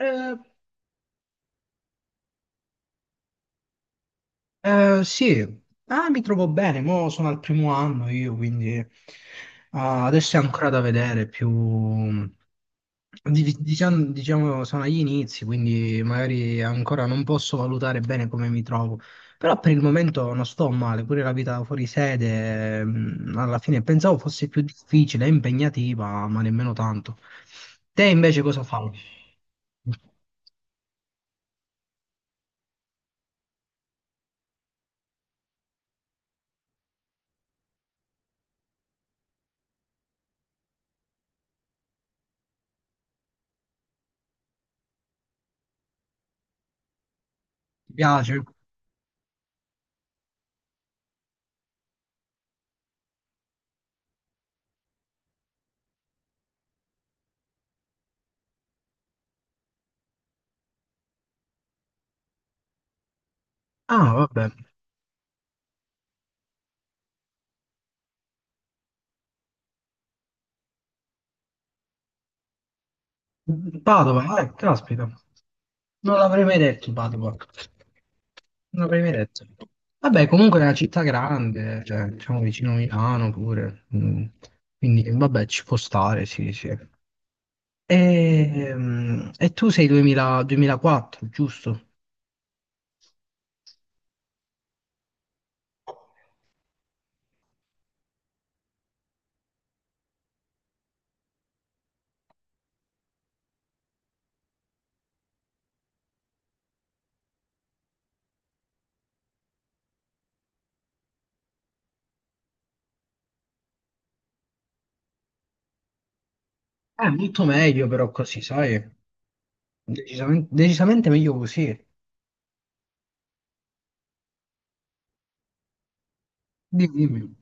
Eh, sì. Mi trovo bene, mo sono al primo anno io, quindi adesso è ancora da vedere. Diciamo, sono agli inizi, quindi magari ancora non posso valutare bene come mi trovo, però per il momento non sto male, pure la vita fuori sede, alla fine pensavo fosse più difficile e impegnativa, ma nemmeno tanto. Te invece cosa fai? Ti piace? Ah, vabbè. Padova, caspita, non l'avrei mai detto non l'avrei mai detto. Vabbè, comunque è una città grande, cioè, diciamo vicino a Milano pure, quindi vabbè, ci può stare, sì, sì. E, e tu sei 2000 2004, giusto? Molto meglio però così, sai? Decisamente, decisamente meglio così. Dimmi, dimmi.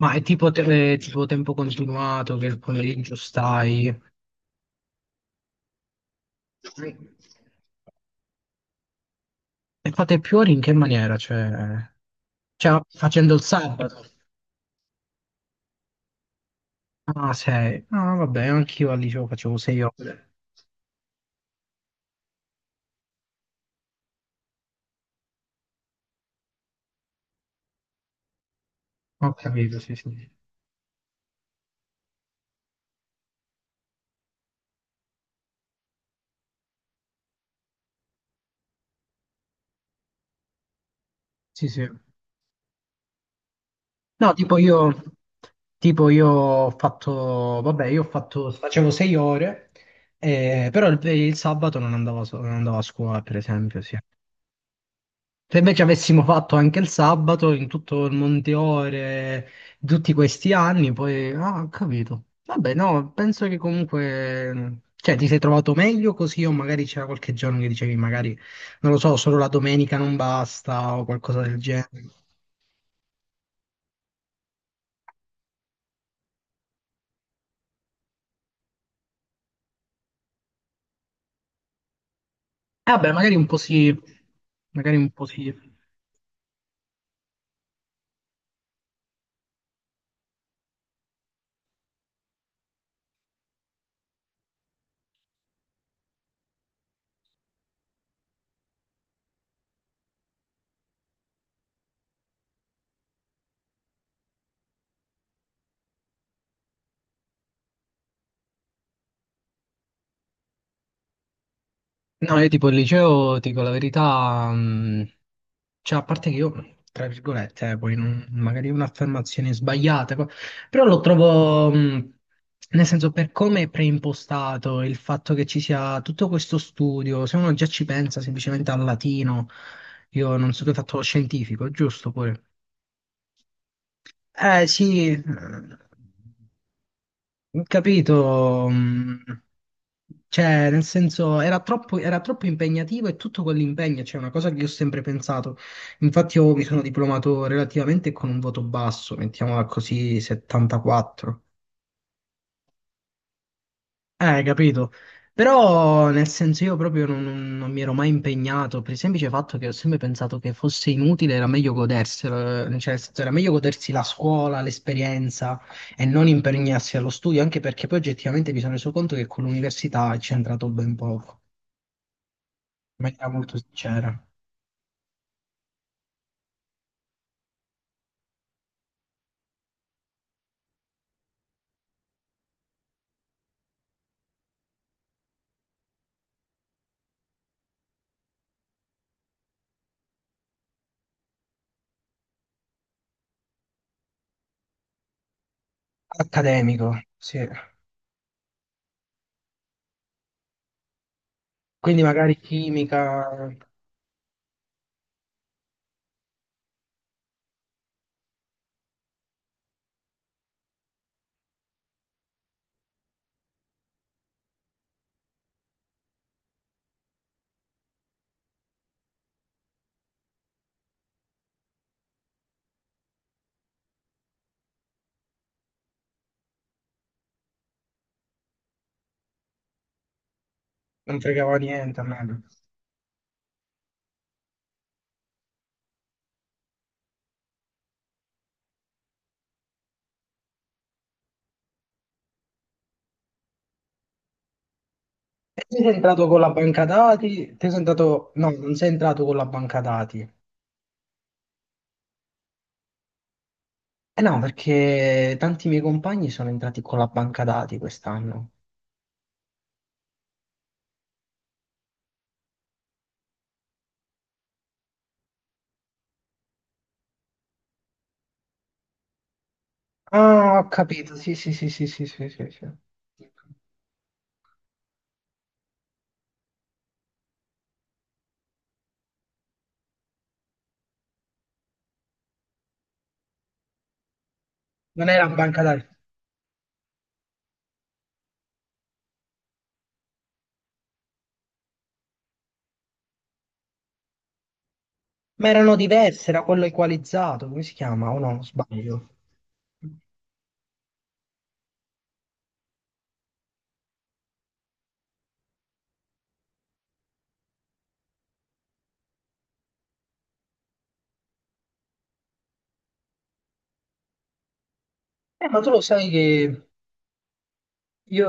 Ma è tipo tempo continuato che il pomeriggio stai? Sì. E fate più ore in che maniera? Cioè, facendo il sabato? Ah, sei. Ah, vabbè, anch'io al liceo facevo sei ore. Ho capito, sì, sì. Sì, sì. No, tipo io ho fatto, facevo sei ore, però il sabato non andavo, non andavo a scuola, per esempio, sì. Se invece avessimo fatto anche il sabato in tutto il Monteore, tutti questi anni. Ah, ho capito. Vabbè, no, penso che comunque. Cioè, ti sei trovato meglio così o magari c'era qualche giorno che dicevi magari, non lo so, solo la domenica non basta o qualcosa del genere. Vabbè, magari un po' sì, magari un po' sì. No, io tipo il liceo, dico la verità, cioè a parte che io, tra virgolette, poi non- magari è un'affermazione sbagliata, però lo trovo, nel senso per come è preimpostato il fatto che ci sia tutto questo studio, se uno già ci pensa semplicemente al latino, io non so che hai fatto lo scientifico, giusto pure? Eh sì, non capito, cioè, nel senso, era troppo impegnativo e tutto quell'impegno, cioè, è una cosa che io ho sempre pensato. Infatti, io mi sono diplomato relativamente con un voto basso, mettiamola così, 74. Capito. Però nel senso io proprio non mi ero mai impegnato per il semplice fatto che ho sempre pensato che fosse inutile, era meglio goderselo, cioè nel senso, era meglio godersi la scuola, l'esperienza e non impegnarsi allo studio, anche perché poi oggettivamente mi sono reso conto che con l'università ci è entrato ben poco, in maniera molto sincera. Accademico, sì. Quindi magari chimica, non fregava niente a me. E tu sei entrato con la banca dati? Te sei entrato... No, non sei entrato con la banca dati. Eh no, perché tanti miei compagni sono entrati con la banca dati quest'anno. Ah, ho capito, sì, sì, sì, sì, sì, sì, sì, sì. Non era banca dati, ma erano diverse, era quello equalizzato, come si chiama? O no, sbaglio. Ma tu lo sai che io...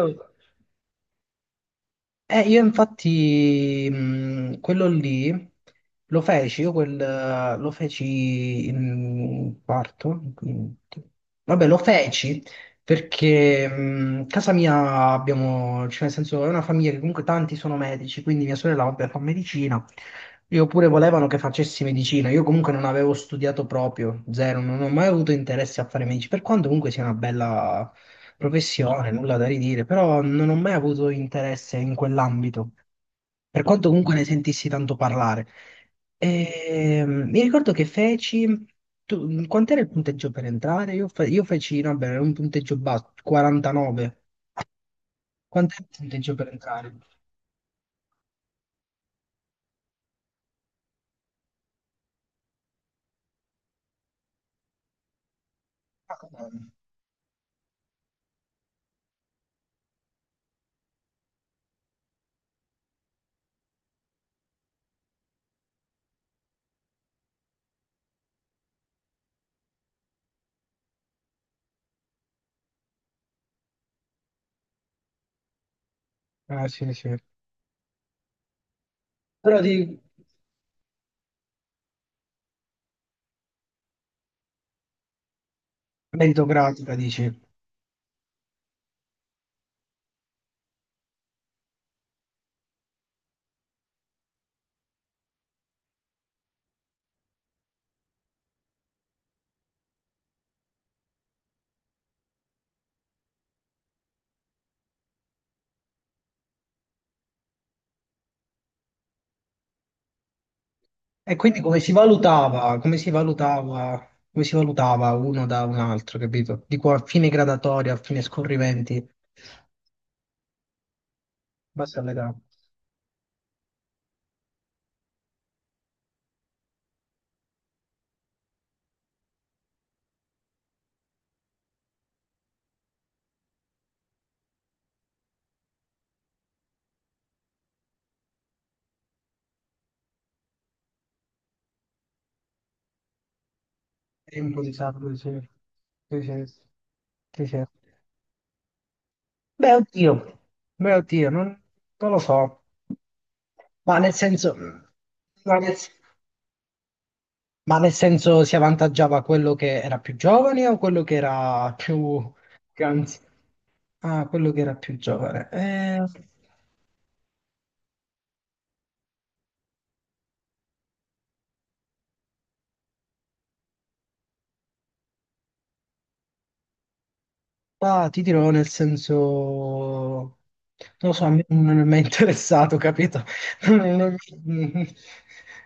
Io infatti quello lì lo feci, io lo feci in quarto, in quinto. Vabbè, lo feci perché casa mia abbiamo, cioè nel senso è una famiglia che comunque tanti sono medici, quindi mia sorella vabbè fa medicina, io pure volevano che facessi medicina, io comunque non avevo studiato proprio, zero, non ho mai avuto interesse a fare medici, per quanto comunque sia una bella professione, nulla da ridire, però non ho mai avuto interesse in quell'ambito, per quanto comunque ne sentissi tanto parlare. E, mi ricordo che feci, tu, quant'era il punteggio per entrare? Io, fe- io feci, no, beh, un punteggio basso, 49. Quant'era il punteggio per entrare? Ah, come? Ah, sì, sì. Però di meritocratica, dici. E quindi come si valutava, come si valutava, come si valutava uno da un altro, capito? Dico a fine gradatoria, a fine scorrimenti, in base all'età. E improvvisato, dove c'è, dove c'è. Beh, oddio, beh, oddio, non lo so, ma nel senso, ma nel, ma nel senso si avvantaggiava quello che era più giovane o quello che era più, anzi, ah, quello che era più giovane. Ah, ti dirò nel senso, non lo so, a me non mi è mai interessato, capito? Non- non-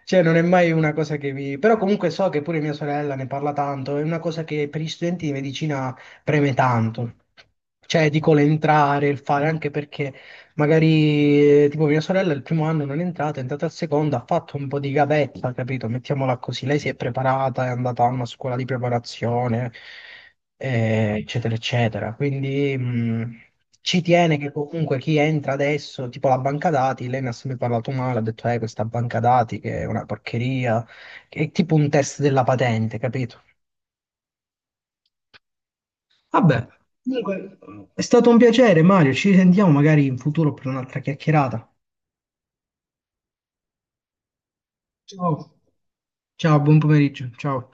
Cioè, non è mai una cosa che mi... Però comunque so che pure mia sorella ne parla tanto, è una cosa che per gli studenti di medicina preme tanto. Cioè, dico l'entrare, il fare, anche perché magari tipo mia sorella il primo anno non è entrata, è entrata al secondo, ha fatto un po' di gavetta, capito? Mettiamola così, lei si è preparata, è andata a una scuola di preparazione, eccetera, eccetera. Quindi ci tiene che comunque chi entra adesso, tipo la banca dati, lei ne ha sempre parlato male, ha detto, questa banca dati che è una porcheria, che è tipo un test della patente, capito? Vabbè, comunque è stato un piacere, Mario. Ci risentiamo magari in futuro per un'altra chiacchierata. Ciao. Ciao, buon pomeriggio. Ciao.